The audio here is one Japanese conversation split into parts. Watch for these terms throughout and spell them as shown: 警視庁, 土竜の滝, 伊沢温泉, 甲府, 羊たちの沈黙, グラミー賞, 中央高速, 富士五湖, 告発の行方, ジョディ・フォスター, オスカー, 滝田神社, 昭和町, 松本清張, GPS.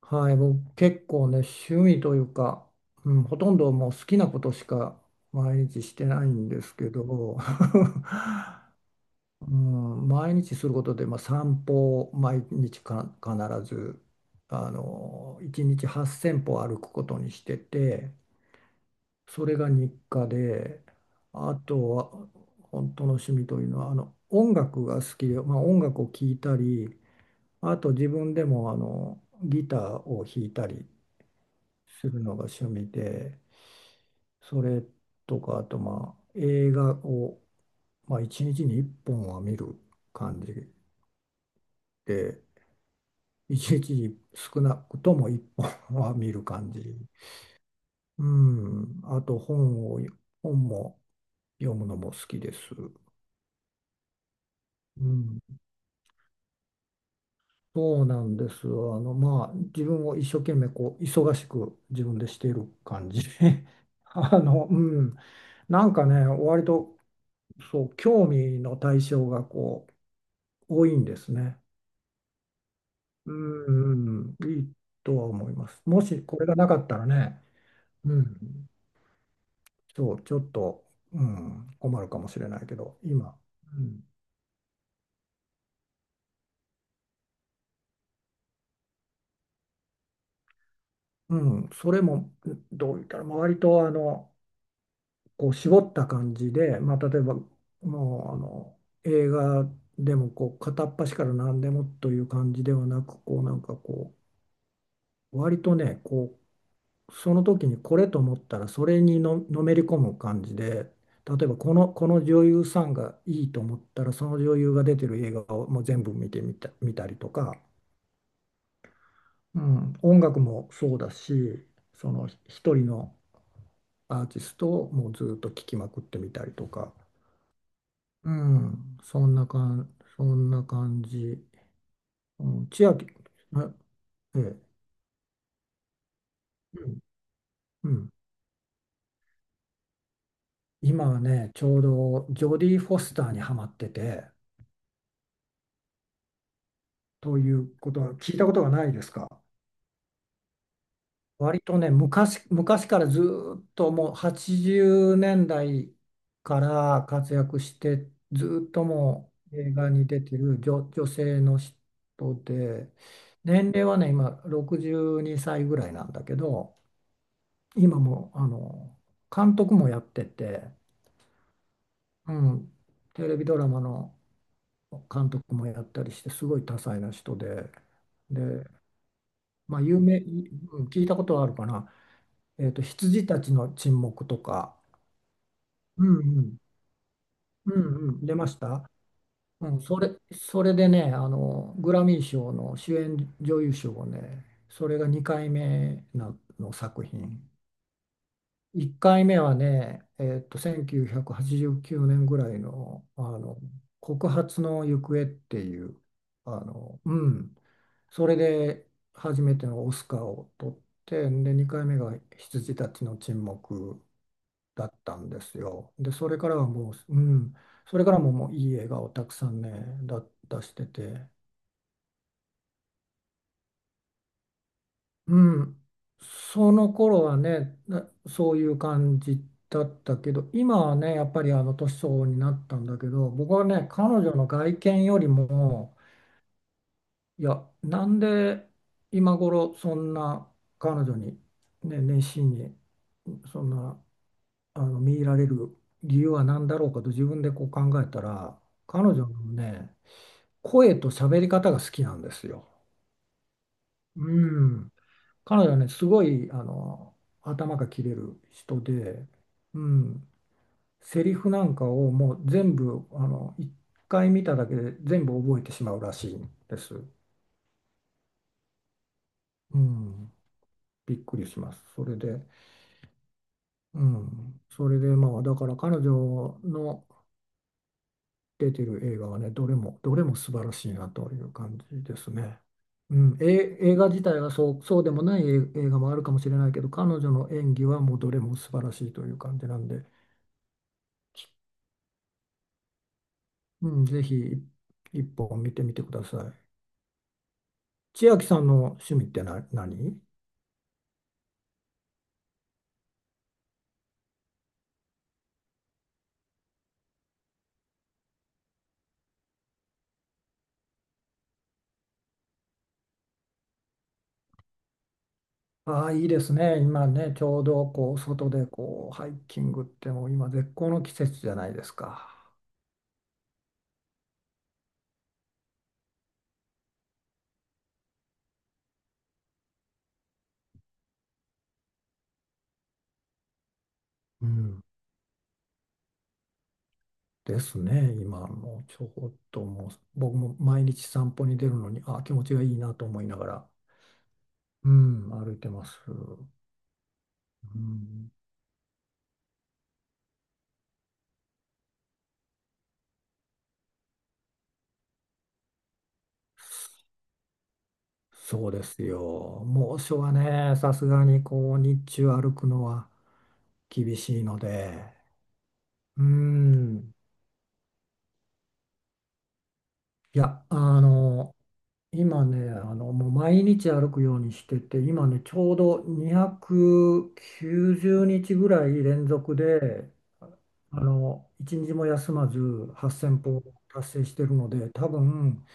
はい、僕結構ね、趣味というか、うん、ほとんどもう好きなことしか毎日してないんですけど、うん、毎日することで、まあ、散歩を毎日か必ず、1日8000歩歩くことにしてて、それが日課で、あとは本当の趣味というのは、音楽が好きで、まあ、音楽を聴いたり、あと自分でもギターを弾いたりするのが趣味で、それとか、あとまあ映画を、まあ、1日に1本は見る感じで、1日にちに少なくとも1本は見る感じ。うん、あと本を、本も読むのも好きです。うん、そうなんです。まあ、自分を一生懸命こう忙しく自分でしている感じ。あの、うん、なんかね、割とそう、興味の対象がこう多いんですね。うん、うん、いいとは思います。もしこれがなかったらね、うん、そう、ちょっと、うん、困るかもしれないけど、今、うん。うん、それもどう言ったら、まあ割とこう絞った感じで、まあ、例えばもう映画でもこう片っ端から何でもという感じではなく、こうなんかこう、割とね、こうその時にこれと思ったらそれのめり込む感じで、例えばこの女優さんがいいと思ったらその女優が出てる映画をもう全部見たりとか、うん、音楽もそうだし、その一人のアーティストをもうずっと聴きまくってみたりとか、うん、そんな感じ、うん、千秋、あええうん、うん、今はねちょうどジョディ・フォスターにハマってて。ということは聞いたことがないですか？割とね、昔からずーっともう80年代から活躍して、ずーっともう映画に出てる女性の人で、年齢はね、今62歳ぐらいなんだけど、今も監督もやってて、うん、テレビドラマの監督もやったりして、すごい多彩な人で、で、まあ、うん、聞いたことはあるかな。羊たちの沈黙とか、うんうん。うんうん。出ました。うん、それでね、グラミー賞の主演女優賞をね、それが2回目なの作品。1回目はね、1989年ぐらいの、告発の行方っていう、あの、うん、それで初めてのオスカーを取って、で、2回目が羊たちの沈黙だったんですよ。で、それからはもう、うん、それからももういい映画をたくさんね、出してて、うん、その頃はね、そういう感じだったけど、今はね、やっぱり年相応になったんだけど、僕はね、彼女の外見よりも、いや、なんで今頃そんな彼女に、ね、熱心に、そんな、見入られる理由は何だろうかと自分でこう考えたら、彼女のね、声と喋り方が好きなんですよ。うん。彼女はね、すごい、頭が切れる人で、うん。セリフなんかをもう全部、一回見ただけで全部覚えてしまうらしいんです。うん。びっくりします。それで、うん。それで、まあ、だから彼女の、出てる映画はね、どれも素晴らしいなという感じですね。うん、え、映画自体はそうでもない映画もあるかもしれないけど、彼女の演技はもうどれも素晴らしいという感じなんで、うん、ぜひ一本見てみてください。千秋さんの趣味って何？ああ、いいですね。今ね、ちょうどこう外でこうハイキングってもう今絶好の季節じゃないですか？うん、ですね、今もちょっともう、僕も毎日散歩に出るのに、あ、気持ちがいいなと思いながら、うん、歩いてます。うん、そうですよ。猛暑はね、さすがにこう、日中歩くのは厳しいので、うん、いや、今ね、もう毎日歩くようにしてて、今ね、ちょうど290日ぐらい連続で、一日も休まず8000歩達成してるので多分、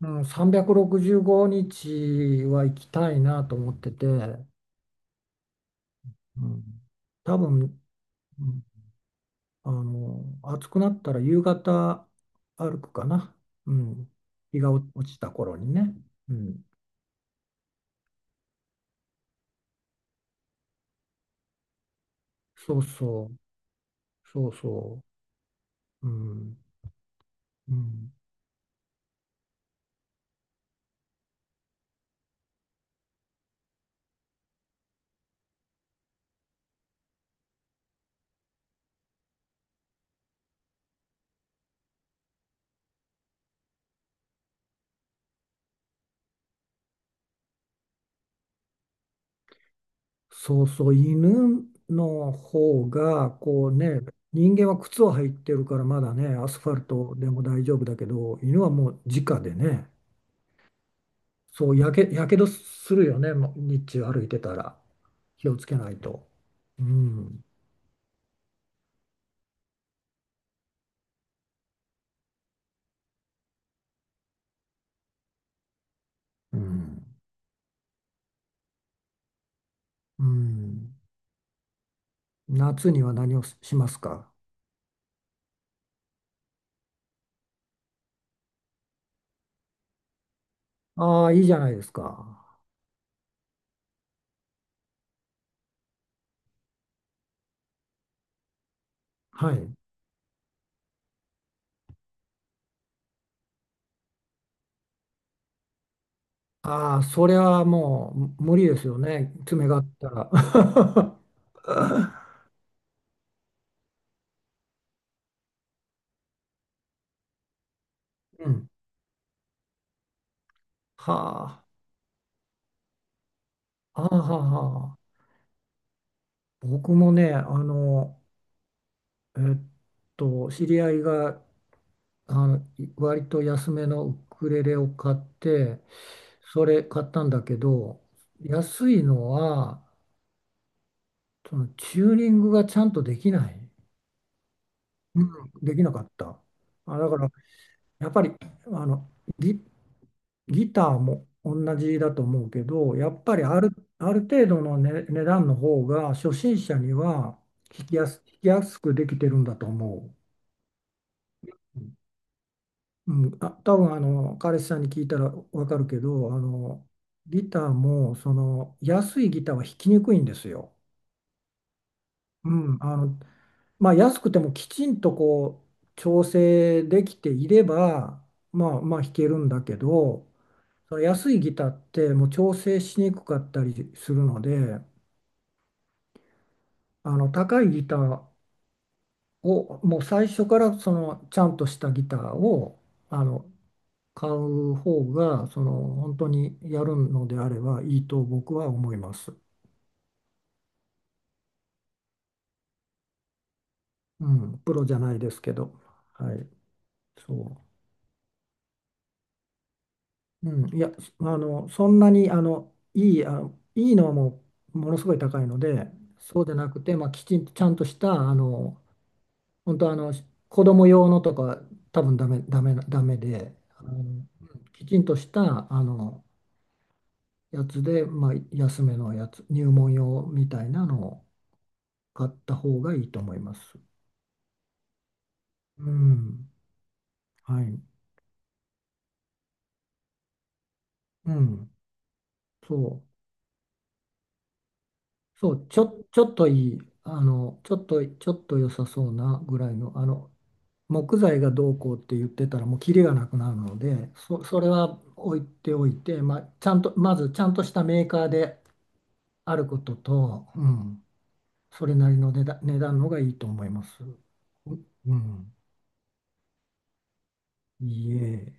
うん、365日は行きたいなと思ってて、うん。多分、うん、暑くなったら夕方歩くかな、うん、日が落ちた頃にね、うん、そうそうそうそう、うんうん、そうそう、犬の方が、こうね、人間は靴を履いてるからまだね、アスファルトでも大丈夫だけど、犬はもう直でね、そう、やけどするよね、もう日中歩いてたら。気をつけないと。うん、うん。うん。夏には何をしますか？ああ、いいじゃないですか。はい。ああ、それはもう無理ですよね、爪があったら。うん。はあ。はあはあはあ、僕もね、えっ知り合いがあのい割と安めのウクレレを買って、それ買ったんだけど、安いのは、そのチューニングがちゃんとできない、うん、できなかった。あ、だから、やっぱり、あの、ギギターも同じだと思うけど、やっぱりある程度の、ね、値段の方が初心者には弾きやすくできてるんだと思う。うん、あ、多分彼氏さんに聞いたらわかるけど、ギターも、その安いギターは弾きにくいんですよ。うん、まあ、安くてもきちんとこう調整できていれば、まあ、まあ弾けるんだけど。その安いギターってもう調整しにくかったりするので、高いギターをもう最初からそのちゃんとしたギターをあの買う方がその本当にやるのであればいいと僕は思います。うん、プロじゃないですけど、はい、そう、うん、いや、そんなにいいのはもうものすごい高いので、そうでなくて、まあ、きちんとちゃんとした本当子供用のとか多分ダメで、きちんとしたやつで、まあ、安めのやつ、入門用みたいなのを買った方がいいと思います。うん、はい、うん、そそう、ちょっといい、ちょっと良さそうなぐらいの、木材がどうこうって言ってたらもうキリがなくなるので、それは置いておいて、まあ、ちゃんと、まずちゃんとしたメーカーであることと、うん、それなりの値段、値段のがいいと思います。ううん、いいえ。